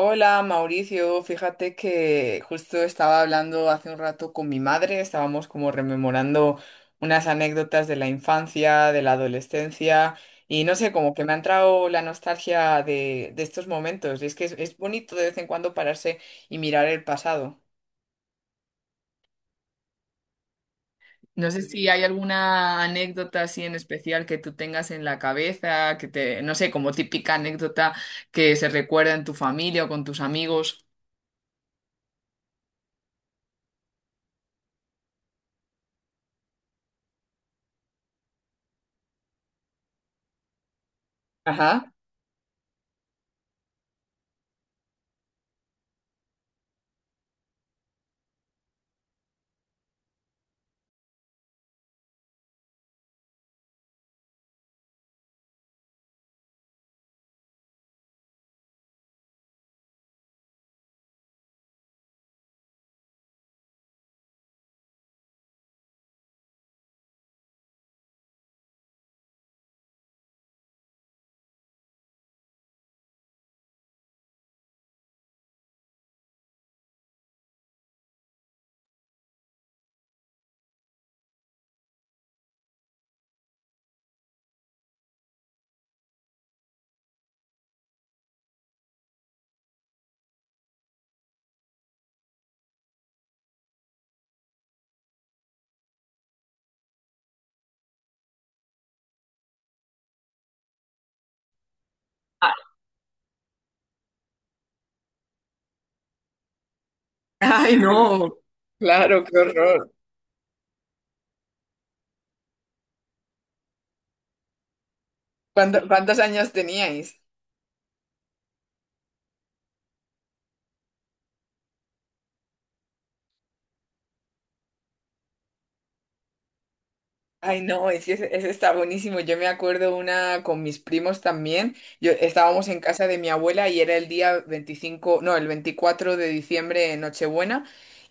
Hola Mauricio, fíjate que justo estaba hablando hace un rato con mi madre. Estábamos como rememorando unas anécdotas de la infancia, de la adolescencia y no sé, como que me ha entrado la nostalgia de estos momentos y es que es bonito de vez en cuando pararse y mirar el pasado. No sé si hay alguna anécdota así en especial que tú tengas en la cabeza, que te, no sé, como típica anécdota que se recuerda en tu familia o con tus amigos. Ajá. Ay, no, claro, qué horror. ¿Cuántos años teníais? Ay, no, es que ese está buenísimo. Yo me acuerdo una con mis primos también. Yo estábamos en casa de mi abuela y era el día 25, no, el 24 de diciembre, Nochebuena.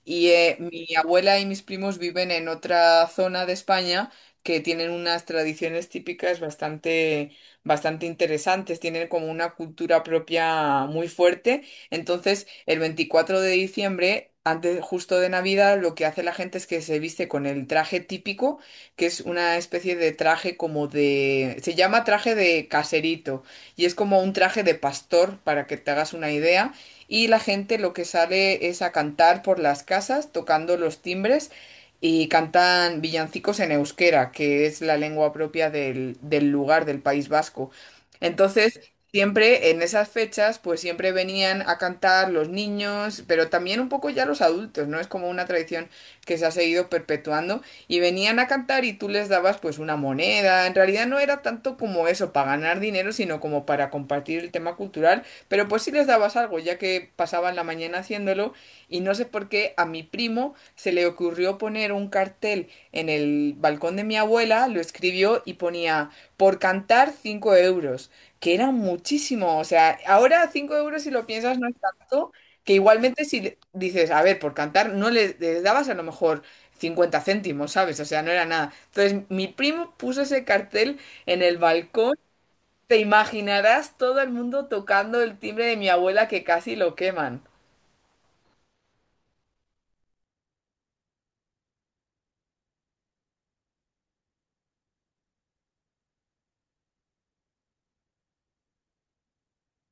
Y mi abuela y mis primos viven en otra zona de España, que tienen unas tradiciones típicas bastante, bastante interesantes. Tienen como una cultura propia muy fuerte. Entonces, el 24 de diciembre, antes justo de Navidad, lo que hace la gente es que se viste con el traje típico, que es una especie de traje como de... Se llama traje de caserito y es como un traje de pastor, para que te hagas una idea. Y la gente lo que sale es a cantar por las casas, tocando los timbres, y cantan villancicos en euskera, que es la lengua propia del lugar, del País Vasco. Entonces, siempre en esas fechas, pues siempre venían a cantar los niños, pero también un poco ya los adultos, ¿no? Es como una tradición que se ha seguido perpetuando y venían a cantar y tú les dabas pues una moneda. En realidad no era tanto como eso, para ganar dinero, sino como para compartir el tema cultural, pero pues sí les dabas algo, ya que pasaban la mañana haciéndolo, y no sé por qué a mi primo se le ocurrió poner un cartel en el balcón de mi abuela. Lo escribió y ponía: por cantar 5 euros, que era muchísimo. O sea, ahora 5 euros si lo piensas no es tanto, que igualmente si dices, a ver, por cantar, no les dabas a lo mejor 50 céntimos, ¿sabes? O sea, no era nada. Entonces, mi primo puso ese cartel en el balcón. Te imaginarás, todo el mundo tocando el timbre de mi abuela que casi lo queman.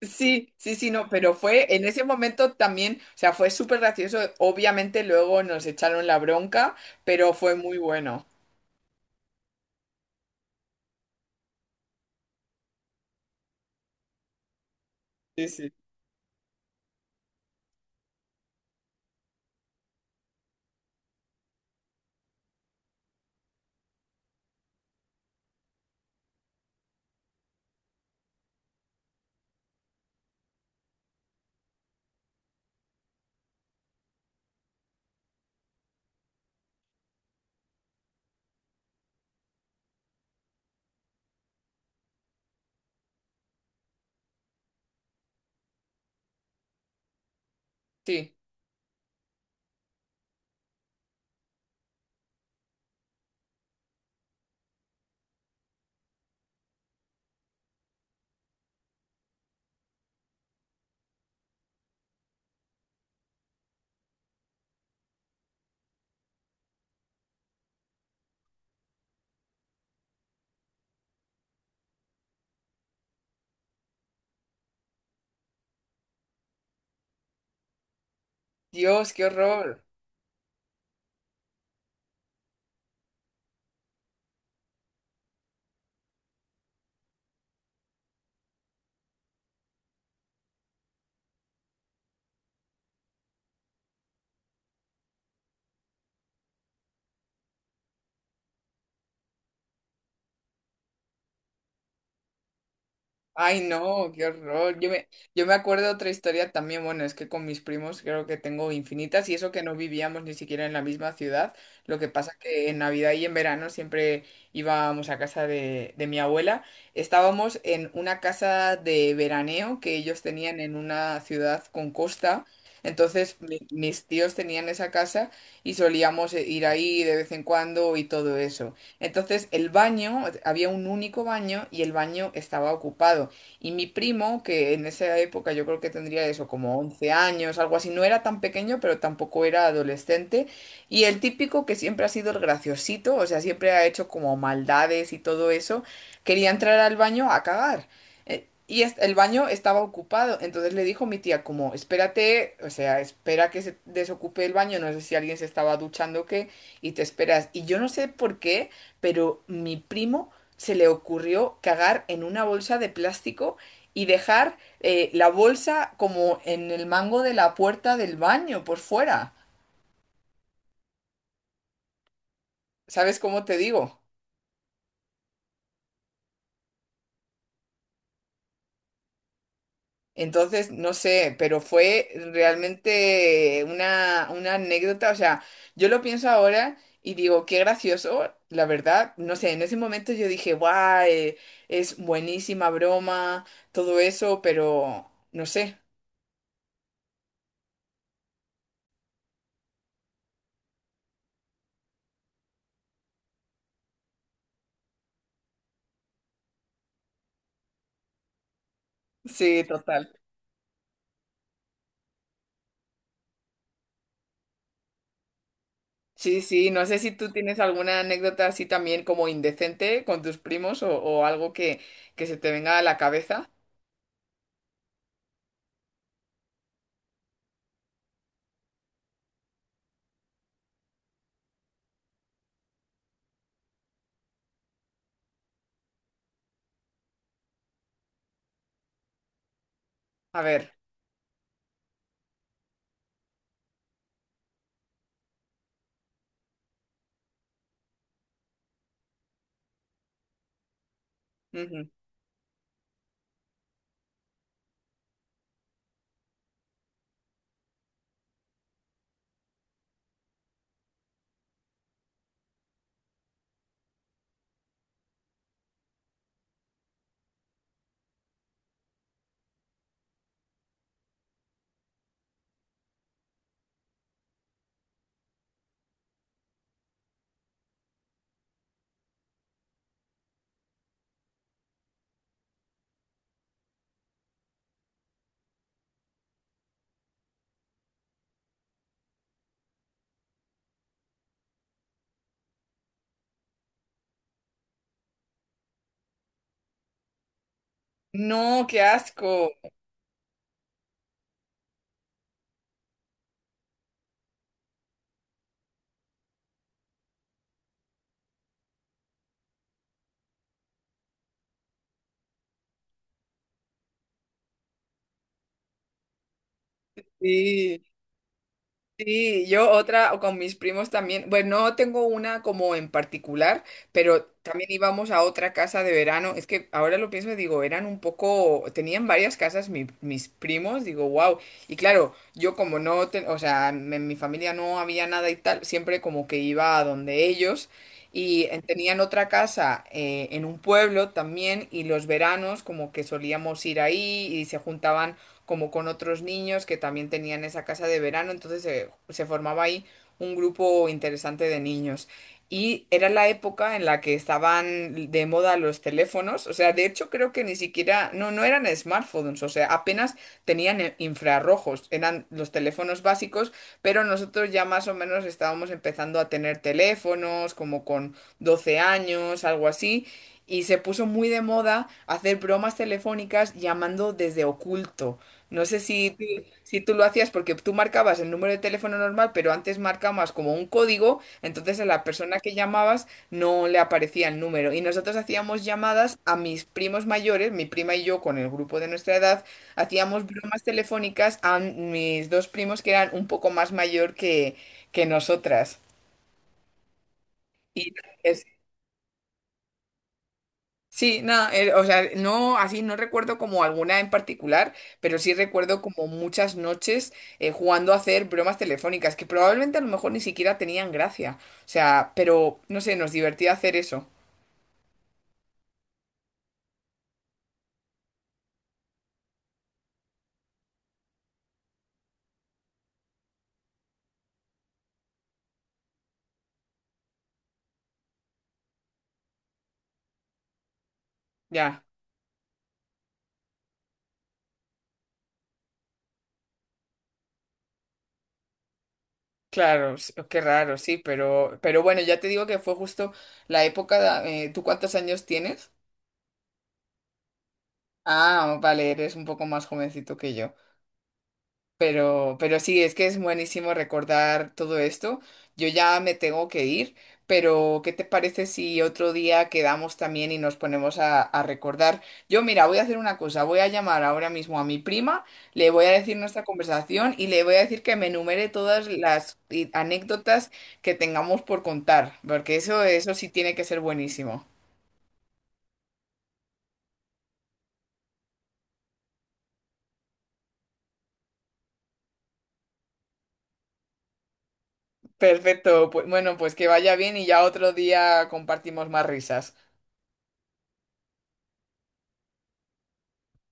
Sí, sí, sí, no, pero fue en ese momento también, o sea, fue súper gracioso. Obviamente luego nos echaron la bronca, pero fue muy bueno. Sí, sí. Sí. Dios, qué horror. Ay, no, qué horror. Yo me acuerdo de otra historia también. Bueno, es que con mis primos creo que tengo infinitas, y eso que no vivíamos ni siquiera en la misma ciudad. Lo que pasa que en Navidad y en verano siempre íbamos a casa de mi abuela. Estábamos en una casa de veraneo que ellos tenían en una ciudad con costa. Entonces mis tíos tenían esa casa y solíamos ir ahí de vez en cuando y todo eso. Entonces el baño, había un único baño y el baño estaba ocupado. Y mi primo, que en esa época yo creo que tendría eso, como 11 años, algo así, no era tan pequeño, pero tampoco era adolescente. Y el típico que siempre ha sido el graciosito, o sea, siempre ha hecho como maldades y todo eso, quería entrar al baño a cagar. El baño estaba ocupado, entonces le dijo mi tía como, espérate, o sea, espera que se desocupe el baño, no sé si alguien se estaba duchando o qué, y te esperas. Y yo no sé por qué, pero mi primo se le ocurrió cagar en una bolsa de plástico y dejar la bolsa como en el mango de la puerta del baño por fuera. ¿Sabes cómo te digo? Entonces, no sé, pero fue realmente una anécdota. O sea, yo lo pienso ahora y digo, qué gracioso, la verdad. No sé, en ese momento yo dije, guay, es buenísima broma, todo eso, pero no sé. Sí, total. Sí, sí, no sé si tú tienes alguna anécdota así también como indecente con tus primos o algo que se te venga a la cabeza. A ver. Ujú. No, qué asco. Sí. Sí, yo otra, o con mis primos también. Bueno, no tengo una como en particular, pero también íbamos a otra casa de verano. Es que ahora lo pienso y digo, eran un poco, tenían varias casas mis primos, digo, wow. Y claro, yo como no, o sea, en mi familia no había nada y tal, siempre como que iba a donde ellos. Tenían otra casa en un pueblo también, y los veranos como que solíamos ir ahí y se juntaban como con otros niños que también tenían esa casa de verano, entonces se formaba ahí un grupo interesante de niños. Y era la época en la que estaban de moda los teléfonos. O sea, de hecho creo que ni siquiera, no, no eran smartphones, o sea, apenas tenían infrarrojos, eran los teléfonos básicos, pero nosotros ya más o menos estábamos empezando a tener teléfonos, como con 12 años, algo así, y se puso muy de moda hacer bromas telefónicas llamando desde oculto. No sé si tú, si tú lo hacías, porque tú marcabas el número de teléfono normal, pero antes marcabas como un código, entonces a la persona que llamabas no le aparecía el número. Y nosotros hacíamos llamadas a mis primos mayores, mi prima y yo con el grupo de nuestra edad, hacíamos bromas telefónicas a mis dos primos que eran un poco más mayor que nosotras. Y es- sí, no, o sea, no, así no recuerdo como alguna en particular, pero sí recuerdo como muchas noches jugando a hacer bromas telefónicas que probablemente a lo mejor ni siquiera tenían gracia. O sea, pero no sé, nos divertía hacer eso. Ya, claro, s- qué raro, sí, pero bueno, ya te digo que fue justo la época, ¿tú cuántos años tienes? Ah, vale, eres un poco más jovencito que yo. Pero sí, es que es buenísimo recordar todo esto. Yo ya me tengo que ir, pero ¿qué te parece si otro día quedamos también y nos ponemos a recordar? Yo, mira, voy a hacer una cosa, voy a llamar ahora mismo a mi prima, le voy a decir nuestra conversación y le voy a decir que me enumere todas las anécdotas que tengamos por contar, porque eso sí tiene que ser buenísimo. Perfecto, pues bueno, pues que vaya bien y ya otro día compartimos más risas.